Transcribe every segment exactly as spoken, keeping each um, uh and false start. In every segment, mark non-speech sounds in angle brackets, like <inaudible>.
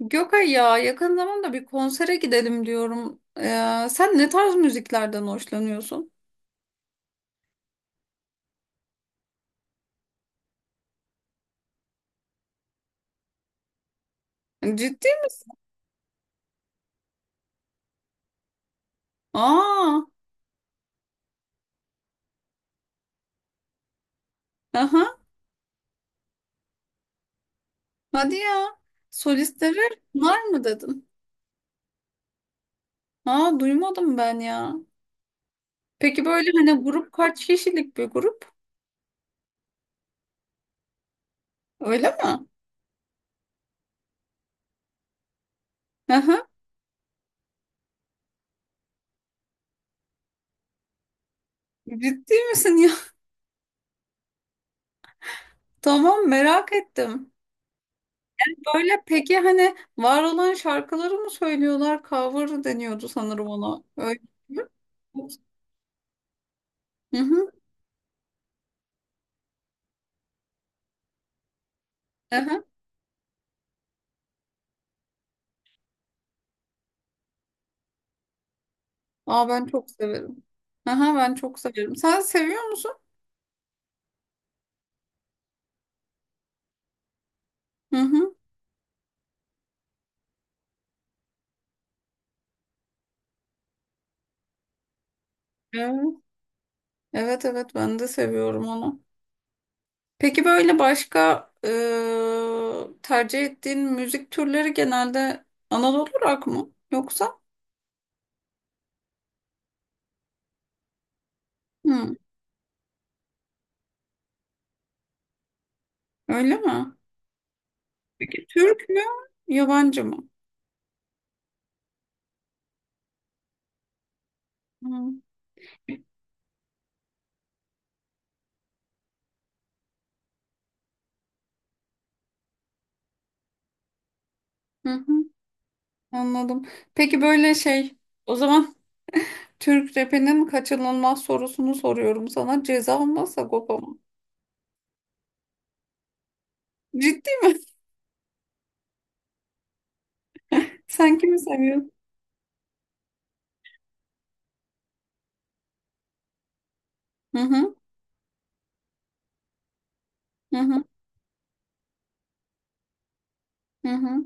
Gökay ya yakın zamanda bir konsere gidelim diyorum. Ee, sen ne tarz müziklerden hoşlanıyorsun? Ciddi mi? Aa, aha, hadi ya. Solistleri var mı dedin? Aa, duymadım ben ya. Peki böyle hani grup kaç kişilik bir grup? Öyle mi? Aha, ciddi misin ya? <laughs> Tamam, merak ettim. Böyle peki hani var olan şarkıları mı söylüyorlar? Cover deniyordu sanırım ona. Öyle mi? Hı hı. Aha. Aa ben çok severim. Aha ben çok severim. Sen seviyor musun? Hı hı. Evet. Evet evet ben de seviyorum onu. Peki böyle başka e, tercih ettiğin müzik türleri genelde Anadolu rock mı? Yoksa? Hı. Öyle mi? Peki Türk mü? Yabancı mı? Hı. Hı hı. Anladım. Peki böyle şey, o zaman Türk rapinin kaçınılmaz sorusunu soruyorum sana. Ceza mı, Sagopa mı? Ciddi mi? <laughs> Sen kimi seviyorsun? Hı hı. Hı hı, hı hı,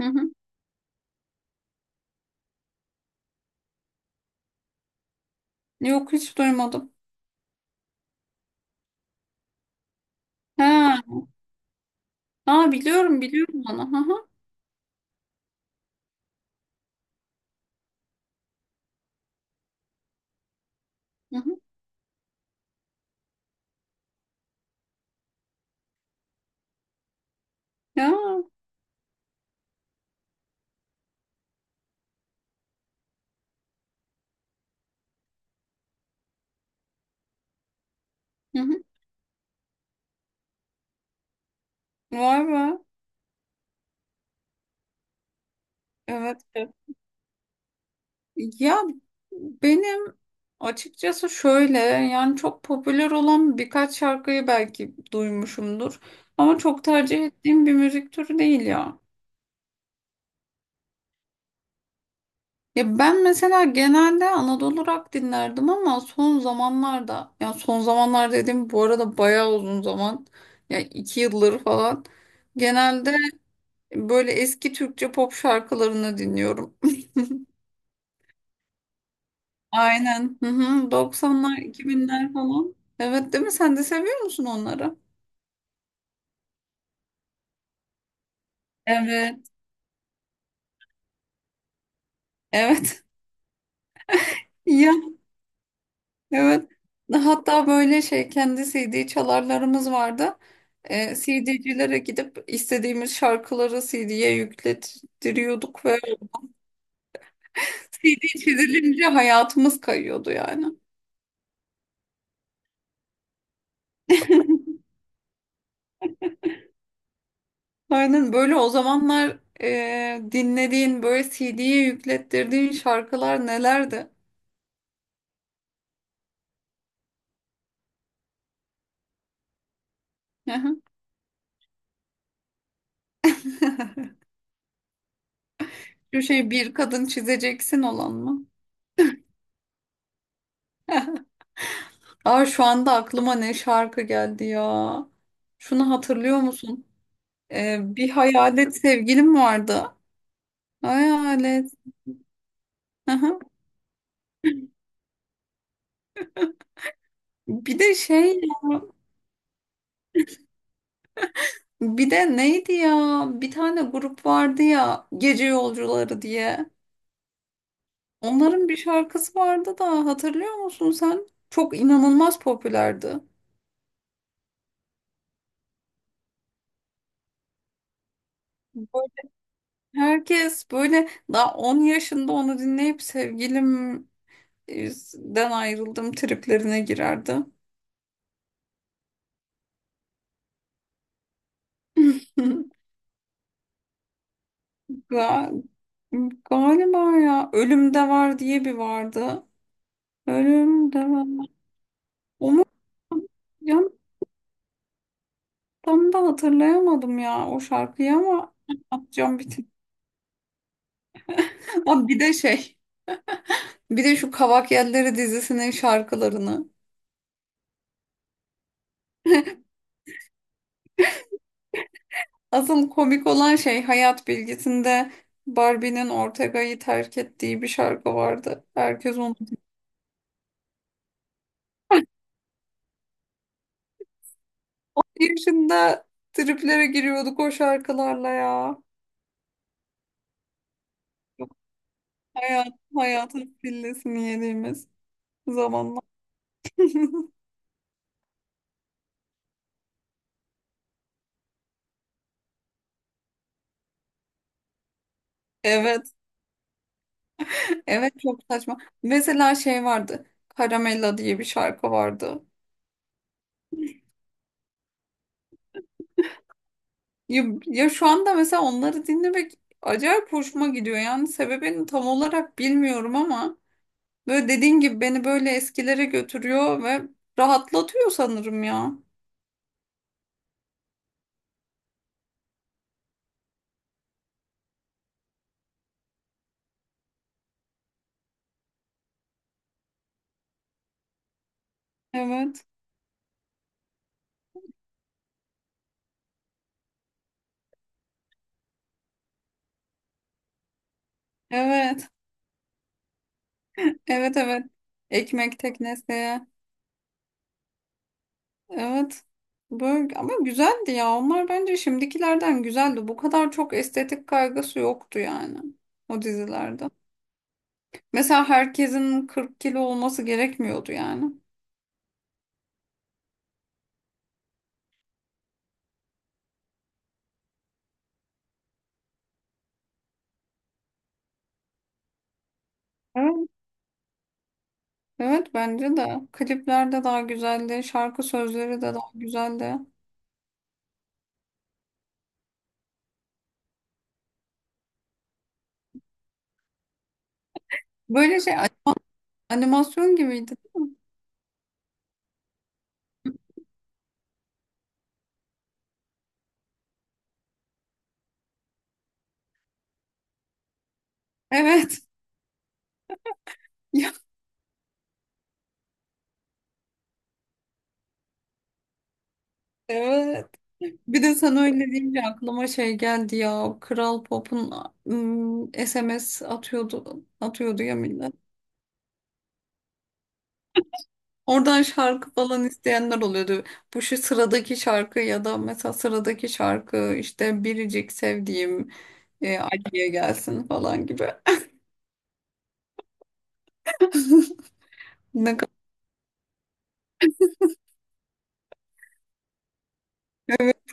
hı hı. Yok, hiç duymadım. Ha, ha biliyorum biliyorum onu. Hı hı, hı hı. Ya, hı hı. Vay be. Evet. Evet. Ya benim açıkçası şöyle, yani çok popüler olan birkaç şarkıyı belki duymuşumdur. Ama çok tercih ettiğim bir müzik türü değil ya. Ya ben mesela genelde Anadolu rock dinlerdim ama son zamanlarda, ya son zamanlar dediğim bu arada bayağı uzun zaman, ya iki yılları falan, genelde böyle eski Türkçe pop şarkılarını dinliyorum. <laughs> Aynen. Hı hı. doksanlar, iki binler falan. Evet, değil mi? Sen de seviyor musun onları? Evet. Evet. <laughs> Ya, evet. Hatta böyle şey, kendi C D çalarlarımız vardı. Ee, C D'cilere gidip istediğimiz şarkıları C D'ye yüklettiriyorduk ve C D çizilince hayatımız kayıyordu yani. Aynen böyle, o zamanlar e, dinlediğin, böyle C D'ye yüklettirdiğin şarkılar nelerdi? Aha. <laughs> Şu şey, bir kadın çizeceksin olan mı? Aa, şu anda aklıma ne şarkı geldi ya. Şunu hatırlıyor musun? Ee, bir hayalet sevgilim vardı. Hayalet. Aha. Bir de şey, bir de neydi ya? Bir tane grup vardı ya, Gece Yolcuları diye. Onların bir şarkısı vardı da, hatırlıyor musun sen? Çok inanılmaz popülerdi. Böyle herkes böyle daha on yaşında onu dinleyip sevgilimden ayrıldım triplerine girerdi. <laughs> Ga- Galiba ya Ölümde Var diye bir vardı. Ölüm devam. Onu tam da hatırlayamadım ya o şarkıyı, ama atacağım bir tık. <laughs> Aa, bir de şey, bir de şu Kavak Yelleri dizisinin şarkılarını. Asıl komik olan şey, Hayat Bilgisi'nde Barbie'nin Ortega'yı terk ettiği bir şarkı vardı. Herkes onu. Bir yaşında triplere giriyorduk o şarkılarla ya. Yok, Hayat, hayatın pillesini yediğimiz zamanlar. <laughs> Evet. Evet, çok saçma. Mesela şey vardı. Caramella diye bir şarkı vardı. Ya, ya şu anda mesela onları dinlemek acayip hoşuma gidiyor. Yani sebebini tam olarak bilmiyorum ama böyle dediğin gibi beni böyle eskilere götürüyor ve rahatlatıyor sanırım ya. Evet. Evet. Evet evet. Ekmek teknesi. Evet. Böyle, ama güzeldi ya. Onlar bence şimdikilerden güzeldi. Bu kadar çok estetik kaygısı yoktu yani o dizilerde. Mesela herkesin kırk kilo olması gerekmiyordu yani. Evet. Evet, bence de. Klipler de daha güzeldi. Şarkı sözleri de daha güzeldi. Böyle şey, a- animasyon gibiydi değil mi? Evet. <laughs> Ya, evet. Bir de sana öyle deyince aklıma şey geldi ya. Kral Pop'un, ım, S M S atıyordu. Atıyordu ya millet. Oradan şarkı falan isteyenler oluyordu. Bu şu sıradaki şarkı, ya da mesela sıradaki şarkı işte biricik sevdiğim e, Ali'ye gelsin falan gibi. <laughs> Ne kadar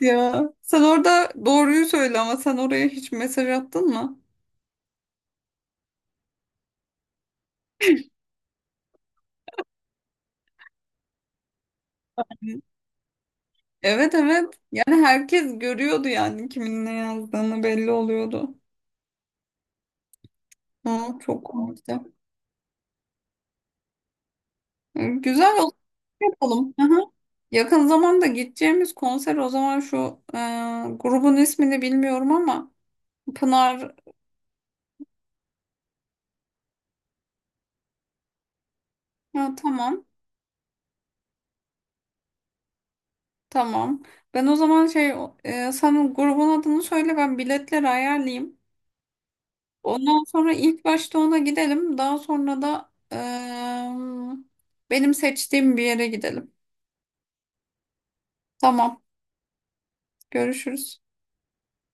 ya. Sen orada doğruyu söyle, ama sen oraya hiç mesaj attın mı? Evet evet. Yani herkes görüyordu, yani kimin ne yazdığını belli oluyordu. Hı, çok komikti. Hı, güzel oldu. Yapalım. Hı hı. Yakın zamanda gideceğimiz konser o zaman şu e, grubun ismini bilmiyorum ama, Pınar. Ha, tamam. Tamam. Ben o zaman şey, e, sen grubun adını söyle, ben biletleri ayarlayayım. Ondan sonra ilk başta ona gidelim. Daha sonra da e, benim seçtiğim bir yere gidelim. Tamam. Görüşürüz.